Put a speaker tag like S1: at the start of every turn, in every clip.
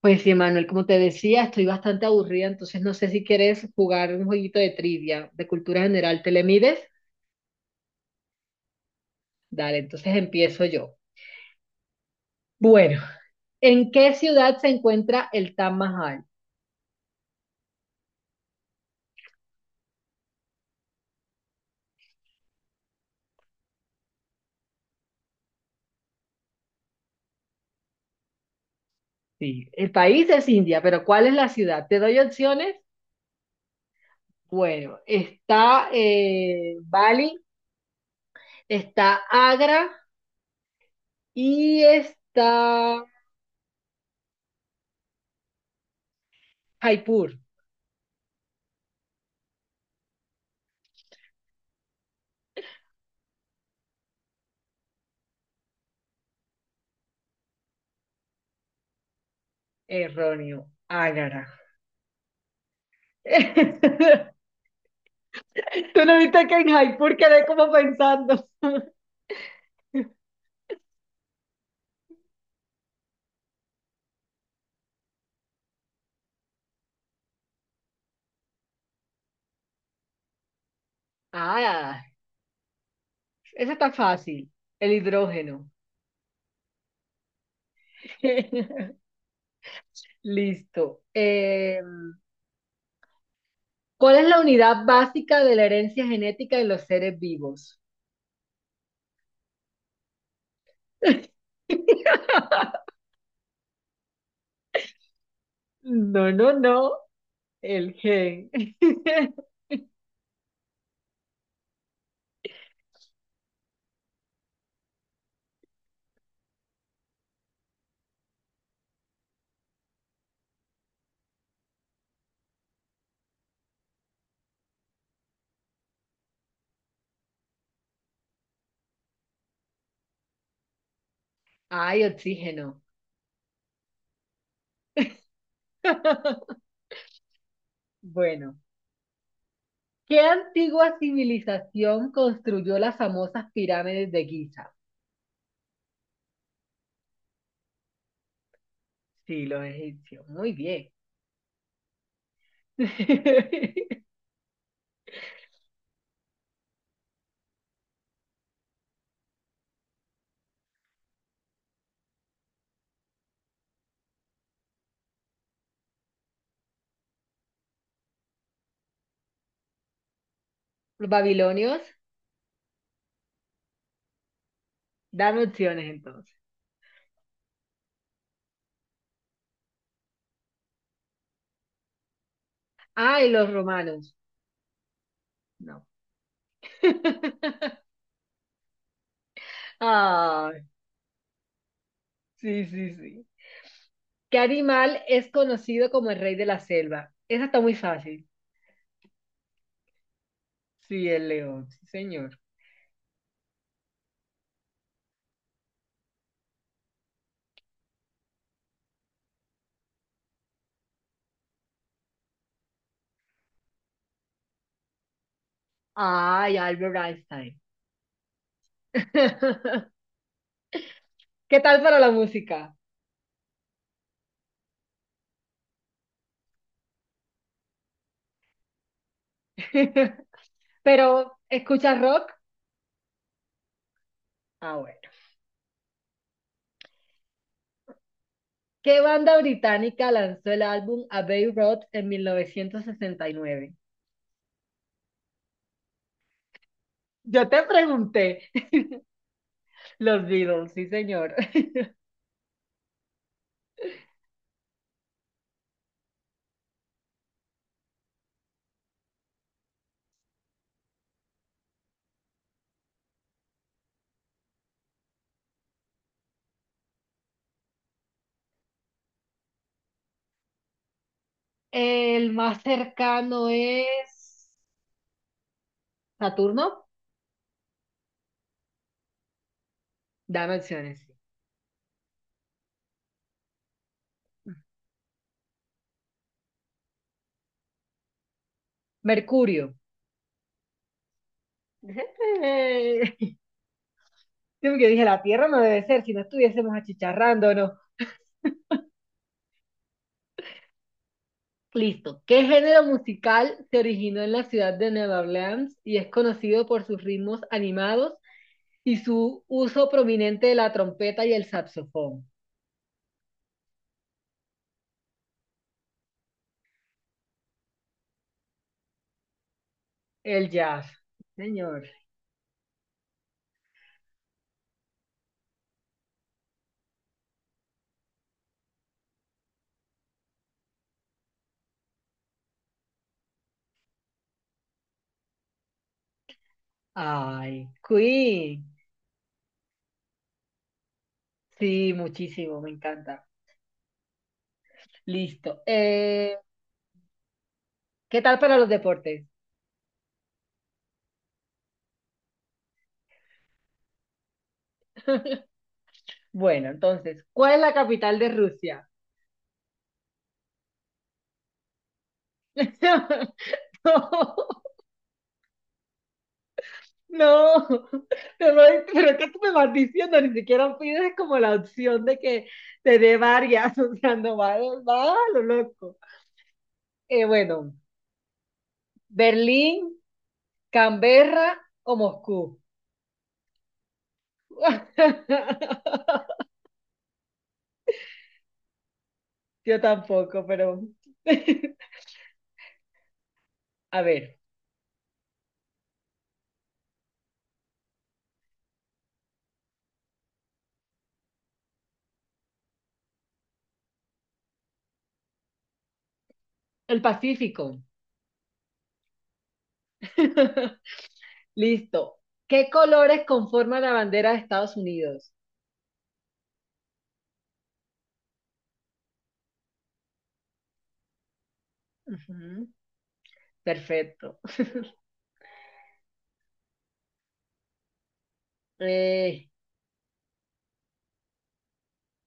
S1: Pues sí, Manuel, como te decía, estoy bastante aburrida, entonces no sé si quieres jugar un jueguito de trivia de cultura general. ¿Te le mides? Dale, entonces empiezo yo. Bueno, ¿en qué ciudad se encuentra el Taj Mahal? Sí, el país es India, pero ¿cuál es la ciudad? ¿Te doy opciones? Bueno, está Bali, está Agra y está Jaipur. Erróneo, Agra. ¿Tú no viste que en Jaipur quedé como pensando? Ah, esa está fácil. El hidrógeno. Listo. ¿Cuál es la unidad básica de la herencia genética de los seres vivos? No, no, no. El gen. Ay, oxígeno. Bueno, ¿qué antigua civilización construyó las famosas pirámides de Giza? Sí, los egipcios. Muy bien. ¿Los babilonios? Dame opciones entonces. Ay, los romanos. No. Ay, sí, sí, sí. ¿Qué animal es conocido como el rey de la selva? Esa está muy fácil. Sí, el león, sí, señor. Ay, Albert Einstein. ¿Qué tal para la música? Pero, ¿escuchas rock? Ah, bueno. ¿Qué banda británica lanzó el álbum Abbey Road en 1969? Yo te pregunté. Los Beatles, sí, señor. El más cercano es Saturno. Dame opciones. Mercurio. Yo que dije, la Tierra no debe ser, si no estuviésemos achicharrándonos. Listo. ¿Qué género musical se originó en la ciudad de Nueva Orleans y es conocido por sus ritmos animados y su uso prominente de la trompeta y el saxofón? El jazz. Sí, señor. Ay, Queen. Sí, muchísimo, me encanta. Listo. ¿Qué tal para los deportes? Bueno, entonces, ¿cuál es la capital de Rusia? No, no, no, no, pero es que tú me vas diciendo, ni siquiera pides como la opción de que te dé varias, o sea, no va, va a lo loco. Bueno, Berlín, Canberra o Moscú. Yo tampoco, pero a ver, el Pacífico. Listo. ¿Qué colores conforman la bandera de Estados Unidos? Ujú, perfecto. Eh,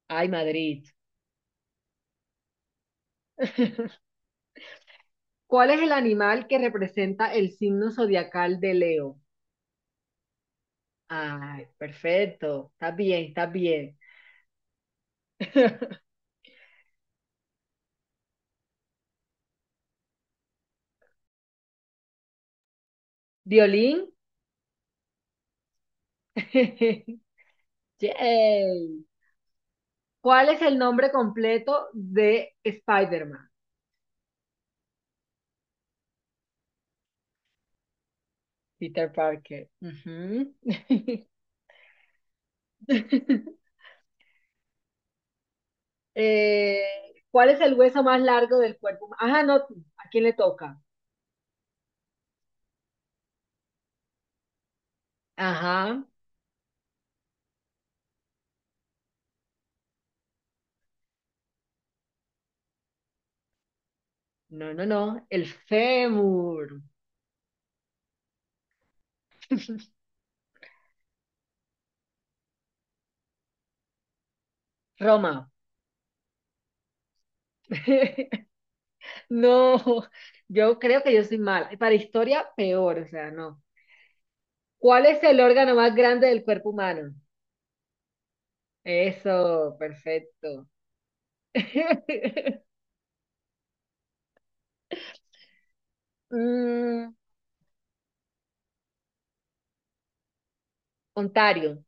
S1: Ay, Madrid. ¿Cuál es el animal que representa el signo zodiacal de Leo? Ay, perfecto. Está bien, está bien. Violín. Yay. ¿Cuál es el nombre completo de Spider-Man? Peter Parker. Ujú. Eh, ¿cuál es el hueso más largo del cuerpo? Huma- ajá, no, tú. ¿A quién le toca? Ajá. No, no, no. El fémur. Roma. No, yo creo que yo soy mala. Y para historia, peor, o sea, no. ¿Cuál es el órgano más grande del cuerpo humano? Eso, perfecto. Mm, Ontario,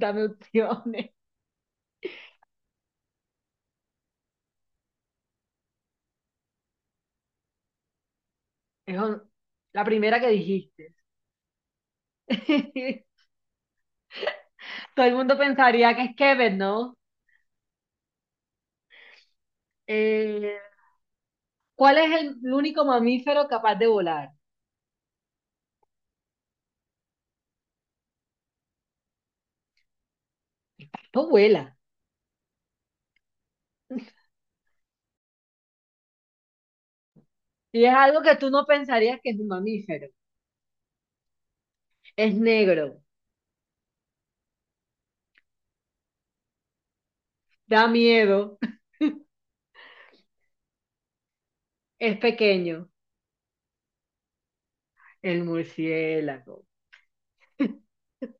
S1: dame opciones. Es on- la primera que dijiste. Todo el mundo pensaría que es Kevin, ¿no? Eh, ¿Cuál es el único mamífero capaz de volar? No vuela. Y es algo que tú no pensarías que es un mamífero. Es negro, da miedo. Es pequeño, el murciélago.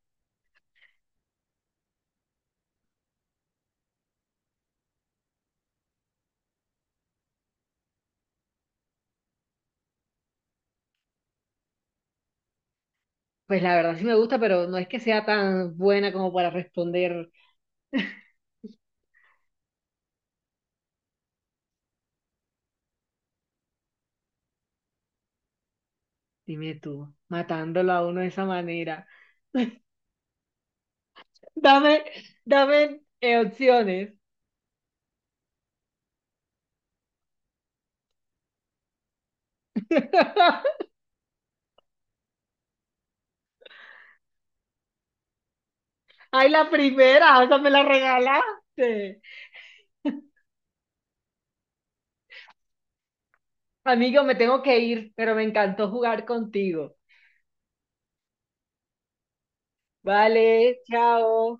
S1: Pues la verdad sí me gusta, pero no es que sea tan buena como para responder, dime tú, matándolo a uno de esa manera. Dame, dame opciones. Ay, la primera, esa me la regalaste. Amigo, me tengo que ir, pero me encantó jugar contigo. Vale, chao.